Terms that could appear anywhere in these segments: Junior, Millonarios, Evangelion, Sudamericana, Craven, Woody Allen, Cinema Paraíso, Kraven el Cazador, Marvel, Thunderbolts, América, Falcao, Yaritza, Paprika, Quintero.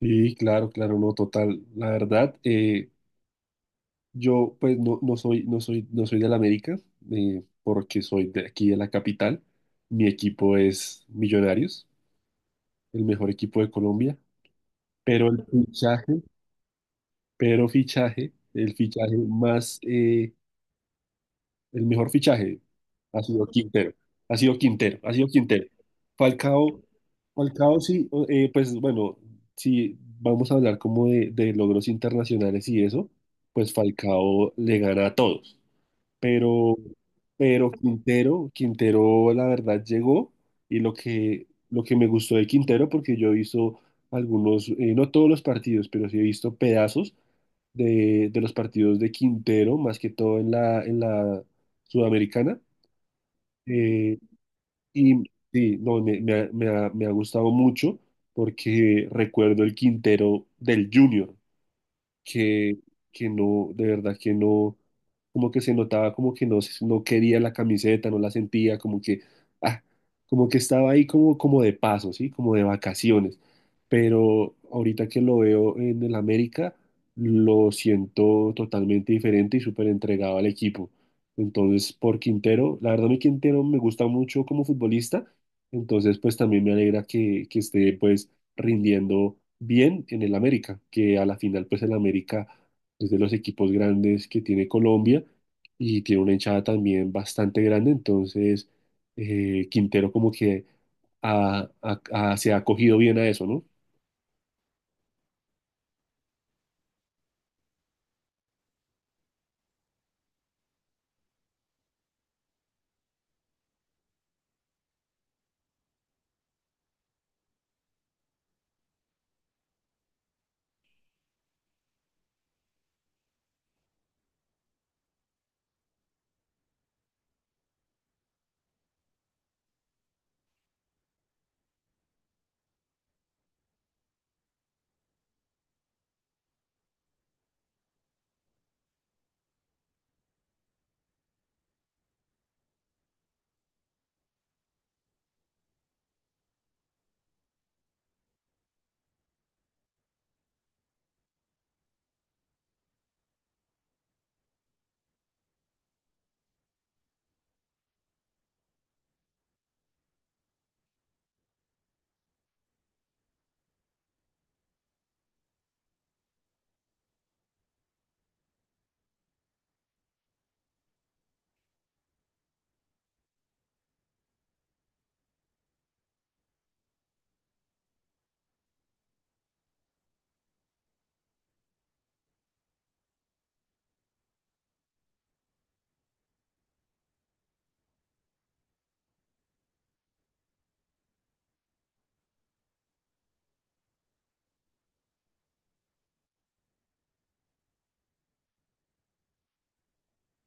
Sí, claro, claro, no, total. La verdad, yo pues no soy del América, porque soy de aquí de la capital. Mi equipo es Millonarios, el mejor equipo de Colombia. Pero el fichaje, el fichaje más el mejor fichaje ha sido Quintero, ha sido Quintero, ha sido Quintero. Falcao, Falcao sí, pues bueno, si vamos a hablar como de logros internacionales y eso, pues Falcao le gana a todos. Pero, pero Quintero, Quintero, la verdad llegó y lo que me gustó de Quintero, porque yo he visto algunos, no todos los partidos, pero sí he visto pedazos de los partidos de Quintero, más que todo en en la Sudamericana. Eh, y sí, no, me ha gustado mucho porque recuerdo el Quintero del Junior que, que no, de verdad que no, como que se notaba como que no, no quería la camiseta, no la sentía, ah, como que estaba ahí como, como de paso, ¿sí? Como de vacaciones. Pero ahorita que lo veo en el América, lo siento totalmente diferente y súper entregado al equipo. Entonces, por Quintero, la verdad, mi Quintero me gusta mucho como futbolista, entonces pues también me alegra que esté pues rindiendo bien en el América, que a la final pues el América es de los equipos grandes que tiene Colombia y tiene una hinchada también bastante grande, entonces Quintero como que se ha acogido bien a eso, ¿no?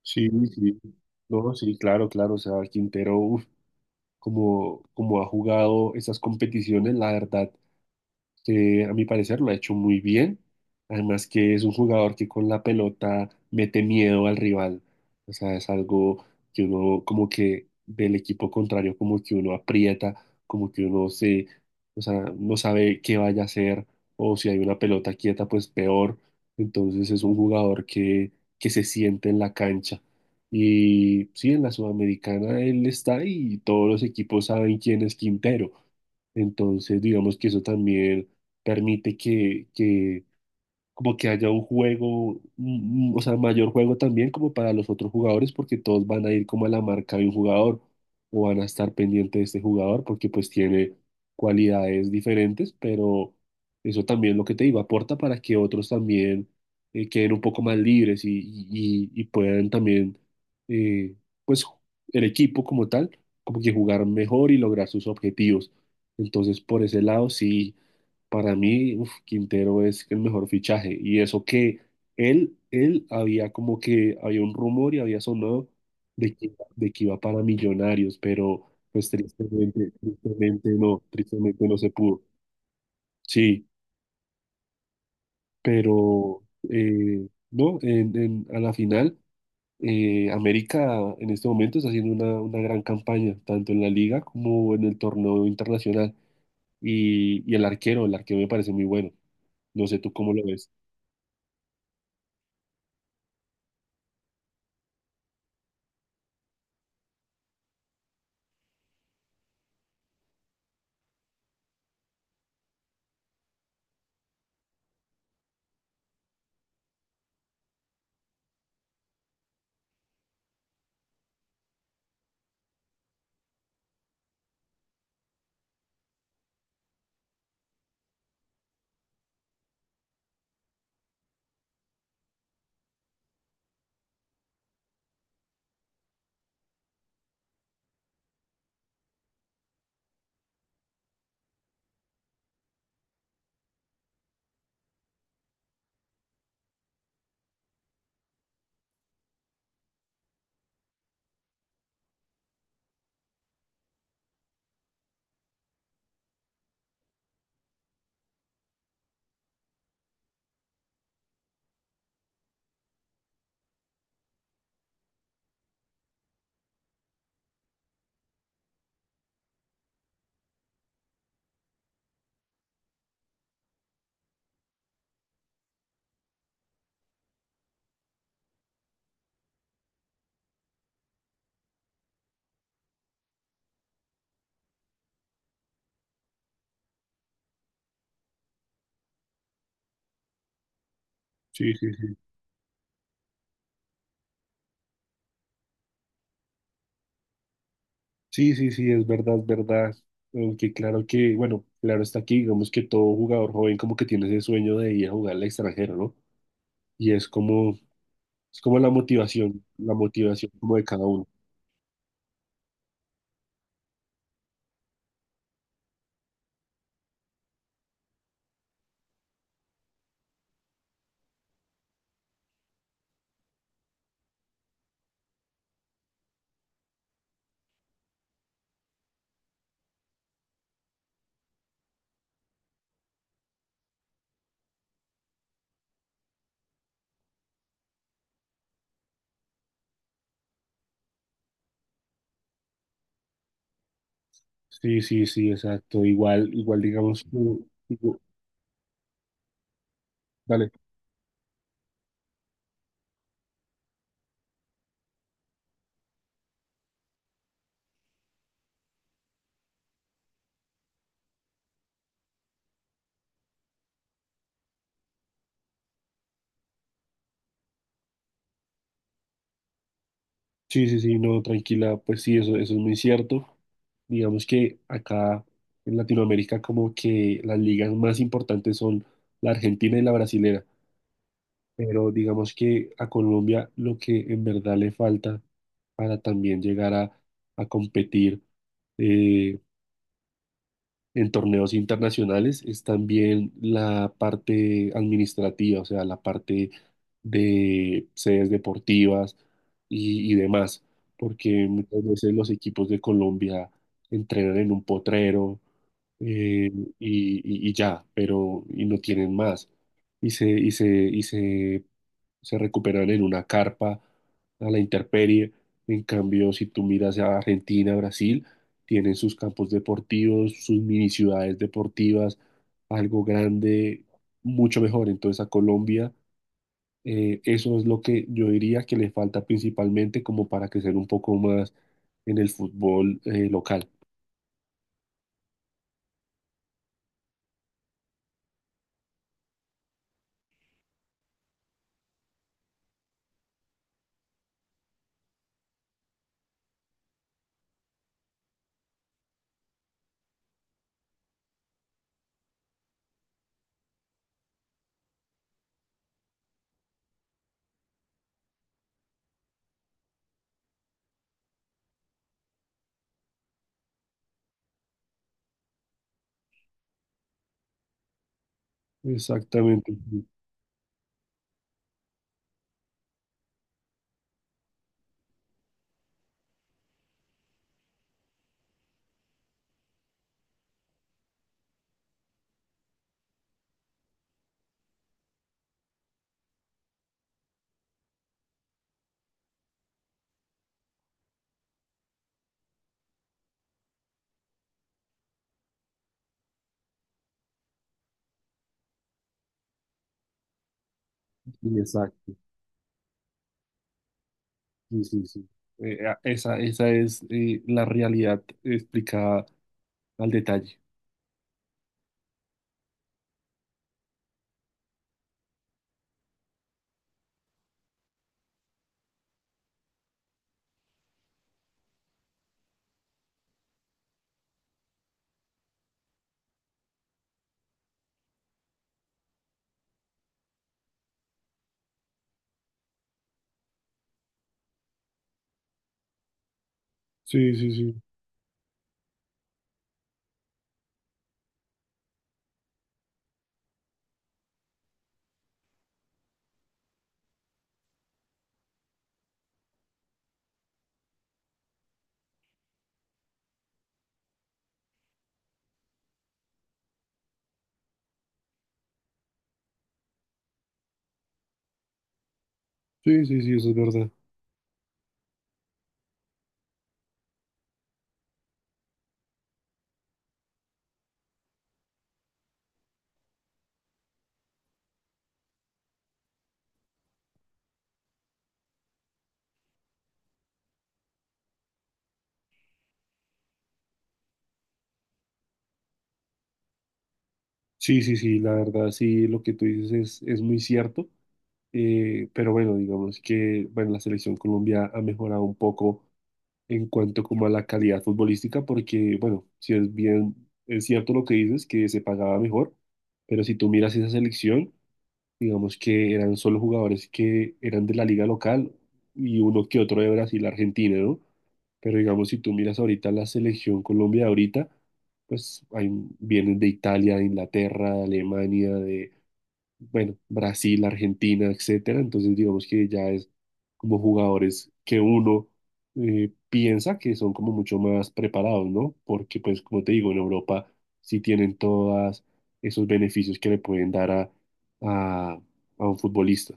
Sí, sí. No, sí, claro, claro. O sea, Quintero, uf, como, como ha jugado esas competiciones, la verdad, que a mi parecer lo ha hecho muy bien. Además que es un jugador que con la pelota mete miedo al rival. O sea, es algo que uno como que del equipo contrario como que uno aprieta, como que uno se, o sea, no sabe qué vaya a hacer o si hay una pelota quieta, pues peor. Entonces es un jugador que se siente en la cancha. Y sí, en la Sudamericana él está y todos los equipos saben quién es Quintero. Entonces, digamos que eso también permite que como que haya un juego, o sea, mayor juego también como para los otros jugadores, porque todos van a ir como a la marca de un jugador o van a estar pendientes de este jugador porque pues tiene cualidades diferentes, pero eso también lo que te digo, aporta para que otros también queden un poco más libres y puedan también, eh, pues el equipo como tal, como que jugar mejor y lograr sus objetivos. Entonces, por ese lado, sí. Para mí, uf, Quintero es el mejor fichaje. Y eso que él había como que había un rumor y había sonado de que iba para Millonarios, pero pues tristemente, tristemente no se pudo. Sí, pero no, a la final, América en este momento está haciendo una gran campaña, tanto en la liga como en el torneo internacional. Y el arquero me parece muy bueno. No sé tú cómo lo ves. Sí, sí, sí. Sí, sí, sí, es verdad, es verdad. Aunque claro que, bueno, claro está aquí, digamos que todo jugador joven como que tiene ese sueño de ir a jugar al extranjero, ¿no? Y es como la motivación como de cada uno. Sí, sí, sí, exacto. Igual, igual digamos, no, digo, dale. Sí, sí, sí, no, tranquila, pues sí, eso es muy cierto. Digamos que acá en Latinoamérica como que las ligas más importantes son la Argentina y la brasilera. Pero digamos que a Colombia lo que en verdad le falta para también llegar a competir eh, en torneos internacionales es también la parte administrativa, o sea, la parte de sedes deportivas y demás, porque muchas veces los equipos de Colombia entrenan en un potrero eh, y ya, pero y no tienen más. Y se se recuperan en una carpa a la intemperie. En cambio, si tú miras a Argentina, Brasil, tienen sus campos deportivos, sus mini ciudades deportivas, algo grande, mucho mejor. Entonces a Colombia, eso es lo que yo diría que le falta principalmente como para crecer un poco más en el fútbol local. Exactamente, sí, sí, exacto. Sí, sí, sí. Esa, esa es la realidad explicada al detalle. Sí, sí, sí. Sí, sí, sí, eso es verdad. Sí, sí, sí, la verdad, sí, lo que tú dices es muy cierto. Pero bueno, digamos que bueno, la selección Colombia ha mejorado un poco en cuanto como a la calidad futbolística, porque bueno, si es bien, es cierto lo que dices, que se pagaba mejor, pero si tú miras esa selección, digamos que eran solo jugadores que eran de la liga local y uno que otro de Brasil, Argentina, ¿no? Pero digamos, si tú miras ahorita la selección Colombia de ahorita, pues hay, vienen de Italia, de Inglaterra, de Alemania, de, bueno, Brasil, Argentina, etcétera. Entonces, digamos que ya es como jugadores que uno piensa que son como mucho más preparados, ¿no? Porque, pues, como te digo, en Europa sí tienen todos esos beneficios que le pueden dar a, a un futbolista.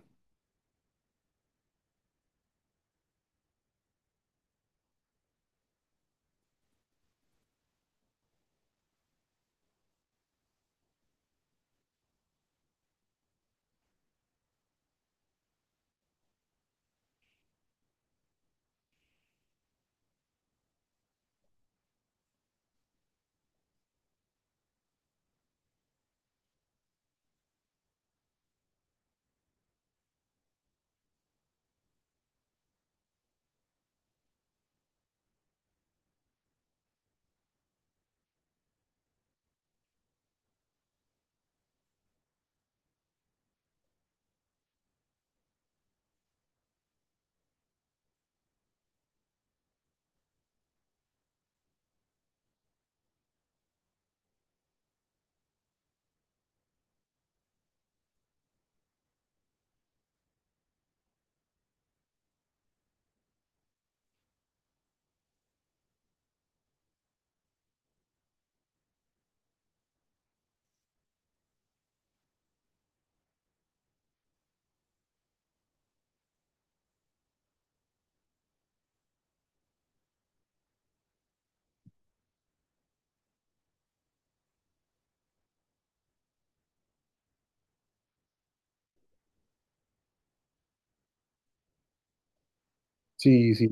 Sí, sí,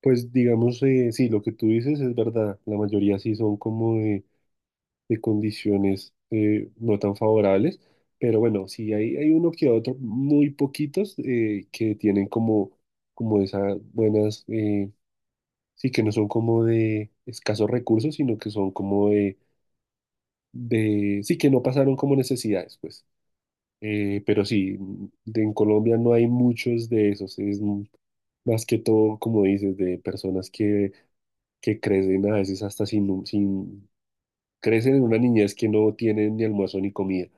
pues digamos, sí, lo que tú dices es verdad. La mayoría sí son como de condiciones no tan favorables, pero bueno, sí hay uno que otro, muy poquitos, que tienen como, como esas buenas, sí, que no son como de escasos recursos, sino que son como de sí, que no pasaron como necesidades, pues. Pero sí, en Colombia no hay muchos de esos, es más que todo, como dices, de personas que crecen a veces hasta sin, sin, crecen en una niñez que no tienen ni almuerzo ni comida.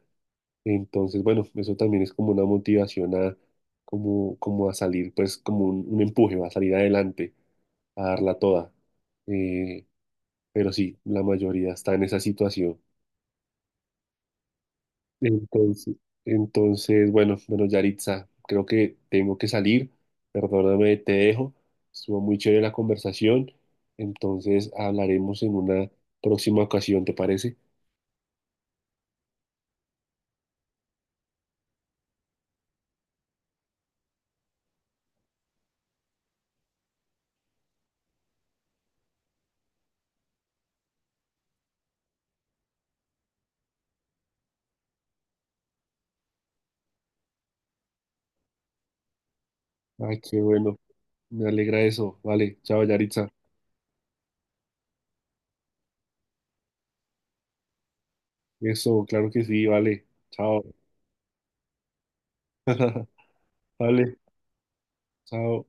Entonces, bueno, eso también es como una motivación a, como, como a salir, pues como un empuje, a salir adelante, a darla toda. Eh, pero sí, la mayoría está en esa situación. Entonces, entonces, bueno, bueno, Yaritza, creo que tengo que salir. Perdóname, te dejo. Estuvo muy chévere la conversación. Entonces hablaremos en una próxima ocasión, ¿te parece? Ay, qué bueno. Me alegra eso. Vale, chao, Yaritza. Eso, claro que sí, vale. Chao. Vale, chao.